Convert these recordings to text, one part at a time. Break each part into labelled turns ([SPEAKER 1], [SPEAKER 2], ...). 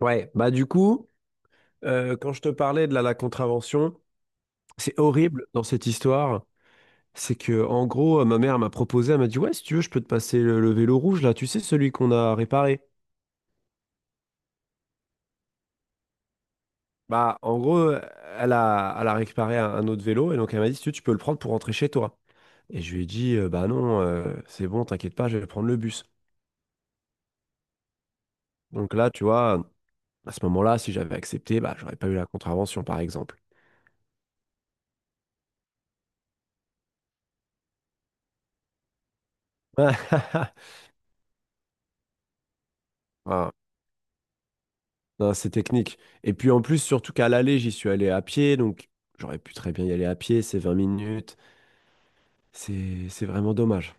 [SPEAKER 1] Ouais, bah du coup, quand je te parlais de la contravention, c'est horrible dans cette histoire. C'est que en gros, ma mère m'a proposé, elle m'a dit, ouais, si tu veux, je peux te passer le vélo rouge là, tu sais, celui qu'on a réparé. Bah en gros, elle a réparé un autre vélo et donc elle m'a dit, si tu veux, tu peux le prendre pour rentrer chez toi. Et je lui ai dit, bah non, c'est bon, t'inquiète pas, je vais prendre le bus. Donc là, tu vois, à ce moment-là, si j'avais accepté, bah j'aurais pas eu la contravention, par exemple. Ouais, non, c'est technique. Et puis en plus, surtout qu'à l'aller, j'y suis allé à pied, donc j'aurais pu très bien y aller à pied, c'est 20 minutes. C'est vraiment dommage.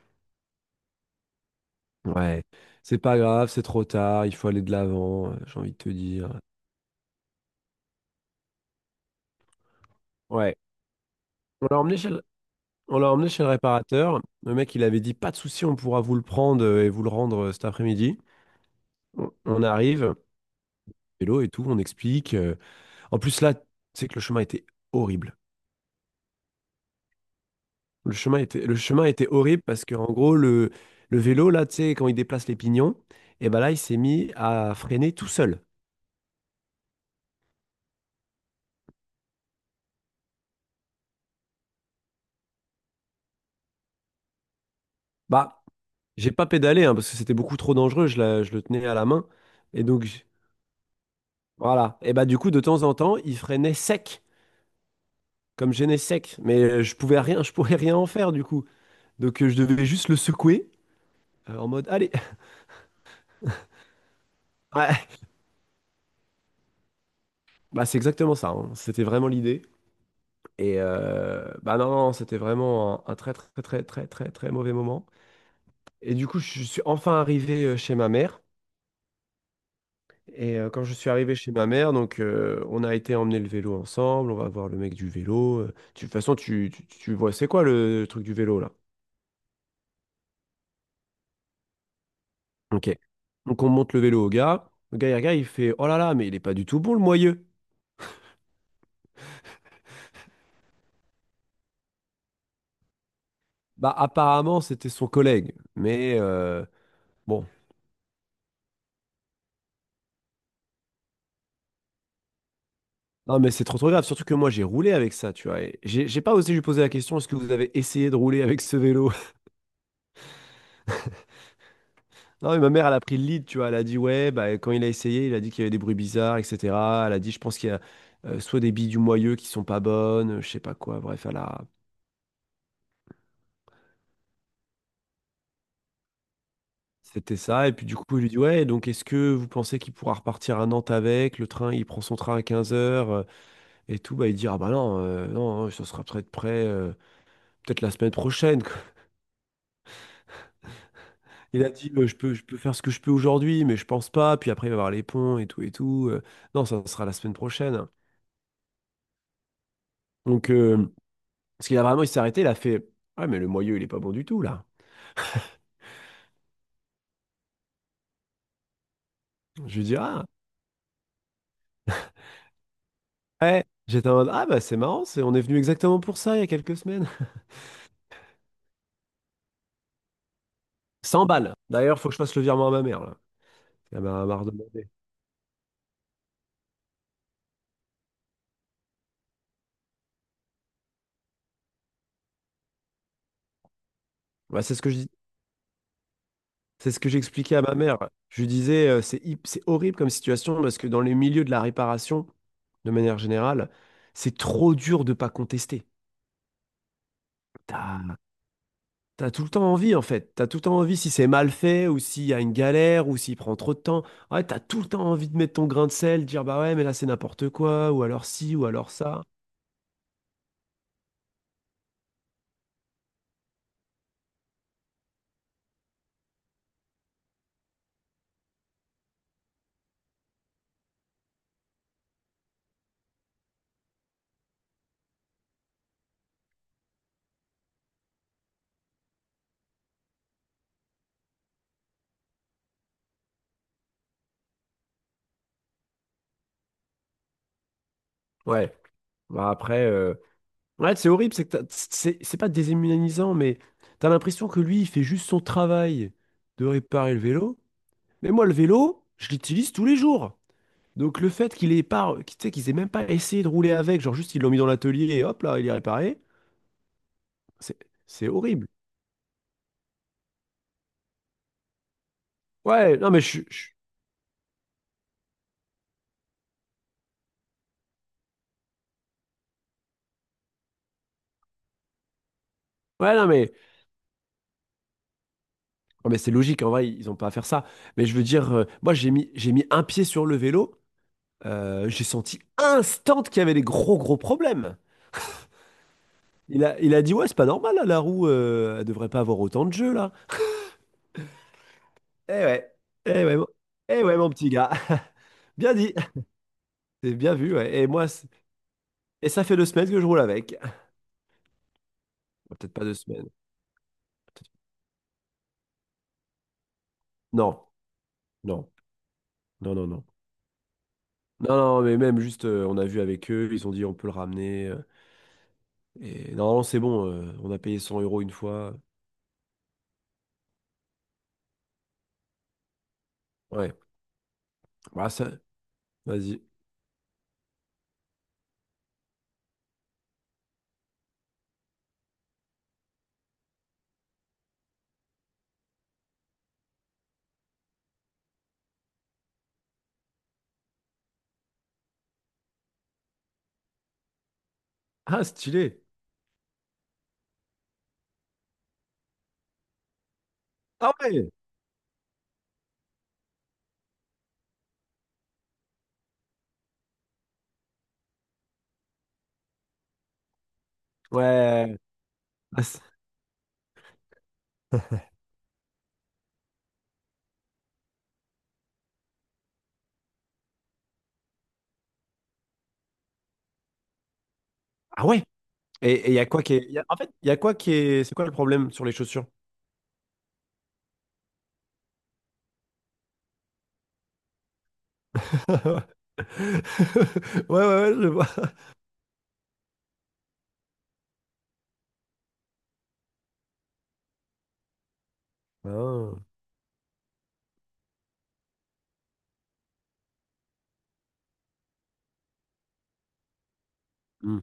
[SPEAKER 1] Ouais, c'est pas grave, c'est trop tard, il faut aller de l'avant, j'ai envie de te dire. Ouais, on l'a emmené chez le... on l'a emmené chez le réparateur. Le mec, il avait dit, pas de souci, on pourra vous le prendre et vous le rendre cet après-midi. On arrive, vélo et tout, on explique. En plus, là, c'est que le chemin était horrible. Le chemin était horrible parce que, en gros, le vélo, là, tu sais, quand il déplace les pignons, et ben là, il s'est mis à freiner tout seul. Bah, j'ai pas pédalé, hein, parce que c'était beaucoup trop dangereux, je le tenais à la main. Et donc, voilà. Et bah, du coup, de temps en temps, il freinait sec, comme gêné sec. Mais je pouvais rien en faire, du coup. Donc, je devais juste le secouer, en mode, allez. Ouais, bah, c'est exactement ça, hein. C'était vraiment l'idée. Et bah non, non, c'était vraiment un très, très, très, très, très, très mauvais moment. Et du coup, je suis enfin arrivé chez ma mère. Et quand je suis arrivé chez ma mère, donc on a été emmener le vélo ensemble, on va voir le mec du vélo. De toute façon, tu vois, c'est quoi truc du vélo là? Ok. Donc on monte le vélo au gars. Le gars, il regarde, il fait, oh là là, mais il est pas du tout bon le moyeu. Bah apparemment, c'était son collègue. Mais bon, non, mais c'est trop trop grave, surtout que moi j'ai roulé avec ça, tu vois. Et j'ai pas osé lui poser la question, est-ce que vous avez essayé de rouler avec ce vélo? Non, mais ma mère, elle a pris le lead, tu vois. Elle a dit, ouais, bah, quand il a essayé, il a dit qu'il y avait des bruits bizarres, etc. Elle a dit, je pense qu'il y a soit des billes du moyeu qui sont pas bonnes, je sais pas quoi. Bref, c'était ça. Et puis du coup, il lui dit, ouais, donc est-ce que vous pensez qu'il pourra repartir à Nantes avec? Le train, il prend son train à 15 heures et tout. Bah, il dit, ah bah non, non, hein, ça sera peut-être prêt. Peut-être la semaine prochaine. Il a dit, je peux faire ce que je peux aujourd'hui, mais je pense pas. Puis après, il va y avoir les ponts et tout et tout. Non, ça sera la semaine prochaine. Donc, parce qu'il a vraiment, il s'est arrêté, il a fait, ouais, mais le moyeu, il est pas bon du tout, là. Je lui dis, ah, ouais. J'étais en mode, ah, bah, c'est marrant, on est venu exactement pour ça il y a quelques semaines. 100 balles. D'ailleurs, faut que je fasse le virement à ma mère, là. Elle m'a redemandé. Ouais, c'est ce que je dis. C'est ce que j'expliquais à ma mère. Je lui disais, c'est horrible comme situation parce que dans les milieux de la réparation, de manière générale, c'est trop dur de pas contester. T'as- T'as tout le temps envie en fait, t'as tout le temps envie si c'est mal fait ou s'il y a une galère ou s'il prend trop de temps. Ouais, t'as tout le temps envie de mettre ton grain de sel, de dire bah ouais mais là c'est n'importe quoi ou alors ci ou alors ça. Ouais, bah après, ouais c'est horrible, c'est pas déshumanisant mais t'as l'impression que lui il fait juste son travail de réparer le vélo. Mais moi le vélo, je l'utilise tous les jours. Donc le fait qu'il ait pas, tu sais qu'ils aient même pas essayé de rouler avec, genre juste ils l'ont mis dans l'atelier et hop là il est réparé, c'est c'est horrible. Ouais, non mais je suis Ouais, non, mais, non, mais c'est logique, en vrai, ils n'ont pas à faire ça. Mais je veux dire, moi, j'ai mis un pied sur le vélo, j'ai senti instant qu'il y avait des gros, gros problèmes. Il a dit, ouais, c'est pas normal, là, la roue, elle devrait pas avoir autant de jeu, là. Eh ouais, eh ouais, mon, eh ouais, mon petit gars. Bien dit, c'est bien vu, ouais. Et moi, c'est- et ça fait 2 semaines que je roule avec. Ah, peut-être pas 2 semaines. Peut-être- Non, non, non, non, non. Non, non, mais même juste, on a vu avec eux, ils ont dit on peut le ramener. Et normalement, c'est bon, on a payé 100 euros une fois. Ouais. Bah, ça... Vas-y. Ah, stylé. Ah ouais. Ouais. Ah, ah ouais. Et il y a quoi qui est... En fait, il y a quoi qui est... C'est quoi le problème sur les chaussures? Ouais, ouais, ouais, je vois. Ah. Hmm.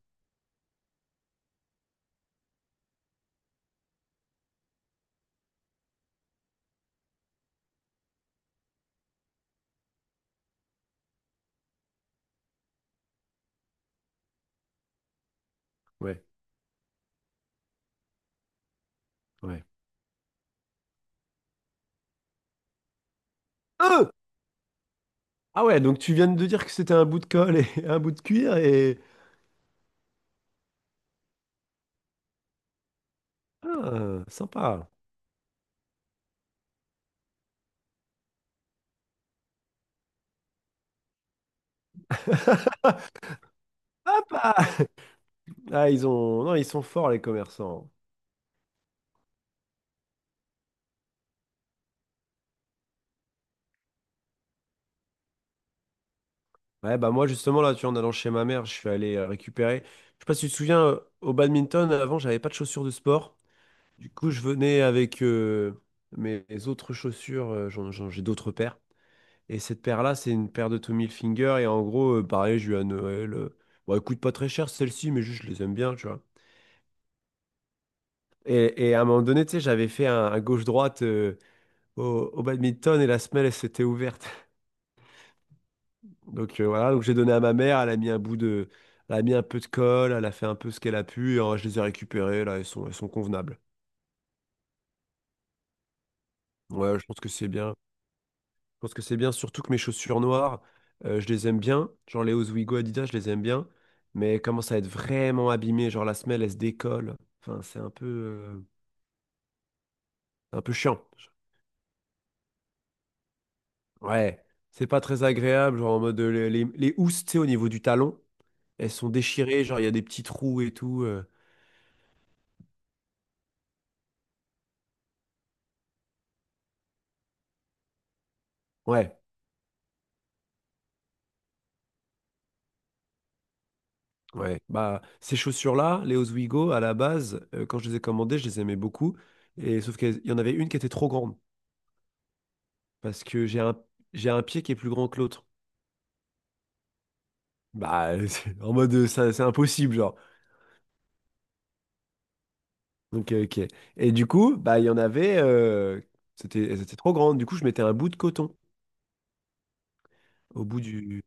[SPEAKER 1] Ouais, ouais. Ah, ah ouais, donc tu viens de dire que c'était un bout de colle et un bout de cuir et... Ah, sympa. Sympa. Ah, ils ont... Non, ils sont forts, les commerçants. Ouais, bah moi justement là, tu vois, en allant chez ma mère, je suis allé récupérer. Je sais pas si tu te souviens, au badminton, avant, j'avais pas de chaussures de sport. Du coup, je venais avec mes autres chaussures, j'ai d'autres paires. Et cette paire-là, c'est une paire de Tommy Hilfiger. Et en gros, pareil, j'ai eu à Noël. Bon, elle coûte pas très cher celle-ci, mais juste je les aime bien, tu vois. Et à un moment donné, tu sais, j'avais fait un gauche-droite au badminton et la semelle, elle s'était ouverte. Donc voilà, donc j'ai donné à ma mère, elle a mis un peu de colle, elle a fait un peu ce qu'elle a pu, et je les ai récupérées, là, elles sont convenables. Ouais, je pense que c'est bien. Je pense que c'est bien, surtout que mes chaussures noires, je les aime bien. Genre les Oswego Adidas, je les aime bien. Mais elles commencent à être vraiment abîmées, genre la semelle, elle se décolle. Enfin, c'est un peu chiant. Ouais, c'est pas très agréable, genre en mode les housses, tu sais, au niveau du talon, elles sont déchirées, genre il y a des petits trous et tout. Ouais. Ouais, bah ces chaussures-là, les Oswego, à la base, quand je les ai commandées, je les aimais beaucoup. Et sauf qu'il y en avait une qui était trop grande. Parce que j'ai un pied qui est plus grand que l'autre. Bah, en mode ça, c'est impossible, genre. Donc, ok. Et du coup, bah il y en avait. Elles étaient trop grandes. Du coup, je mettais un bout de coton au bout du,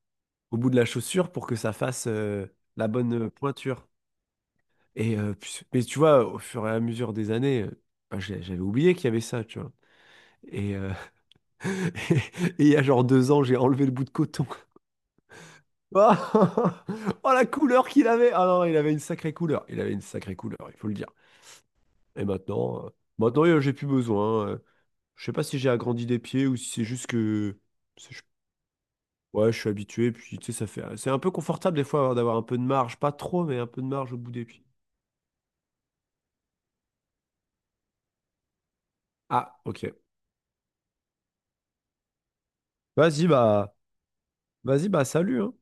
[SPEAKER 1] au bout de la chaussure pour que ça fasse la bonne pointure. Et mais tu vois, au fur et à mesure des années, bah, j'avais oublié qu'il y avait ça, tu vois. Et, euh, Et il y a genre 2 ans, j'ai enlevé le bout de coton. Oh, oh, la couleur qu'il avait! Ah non, il avait une sacrée couleur. Il avait une sacrée couleur, il faut le dire. Et maintenant, j'ai plus besoin. Je sais pas si j'ai agrandi des pieds ou si c'est juste que. c'est- je- Ouais, je suis habitué, puis tu sais, ça fait. C'est un peu confortable des fois d'avoir un peu de marge. Pas trop, mais un peu de marge au bout des pieds. Ah, ok. Vas-y, bah. Vas-y, bah, salut, hein.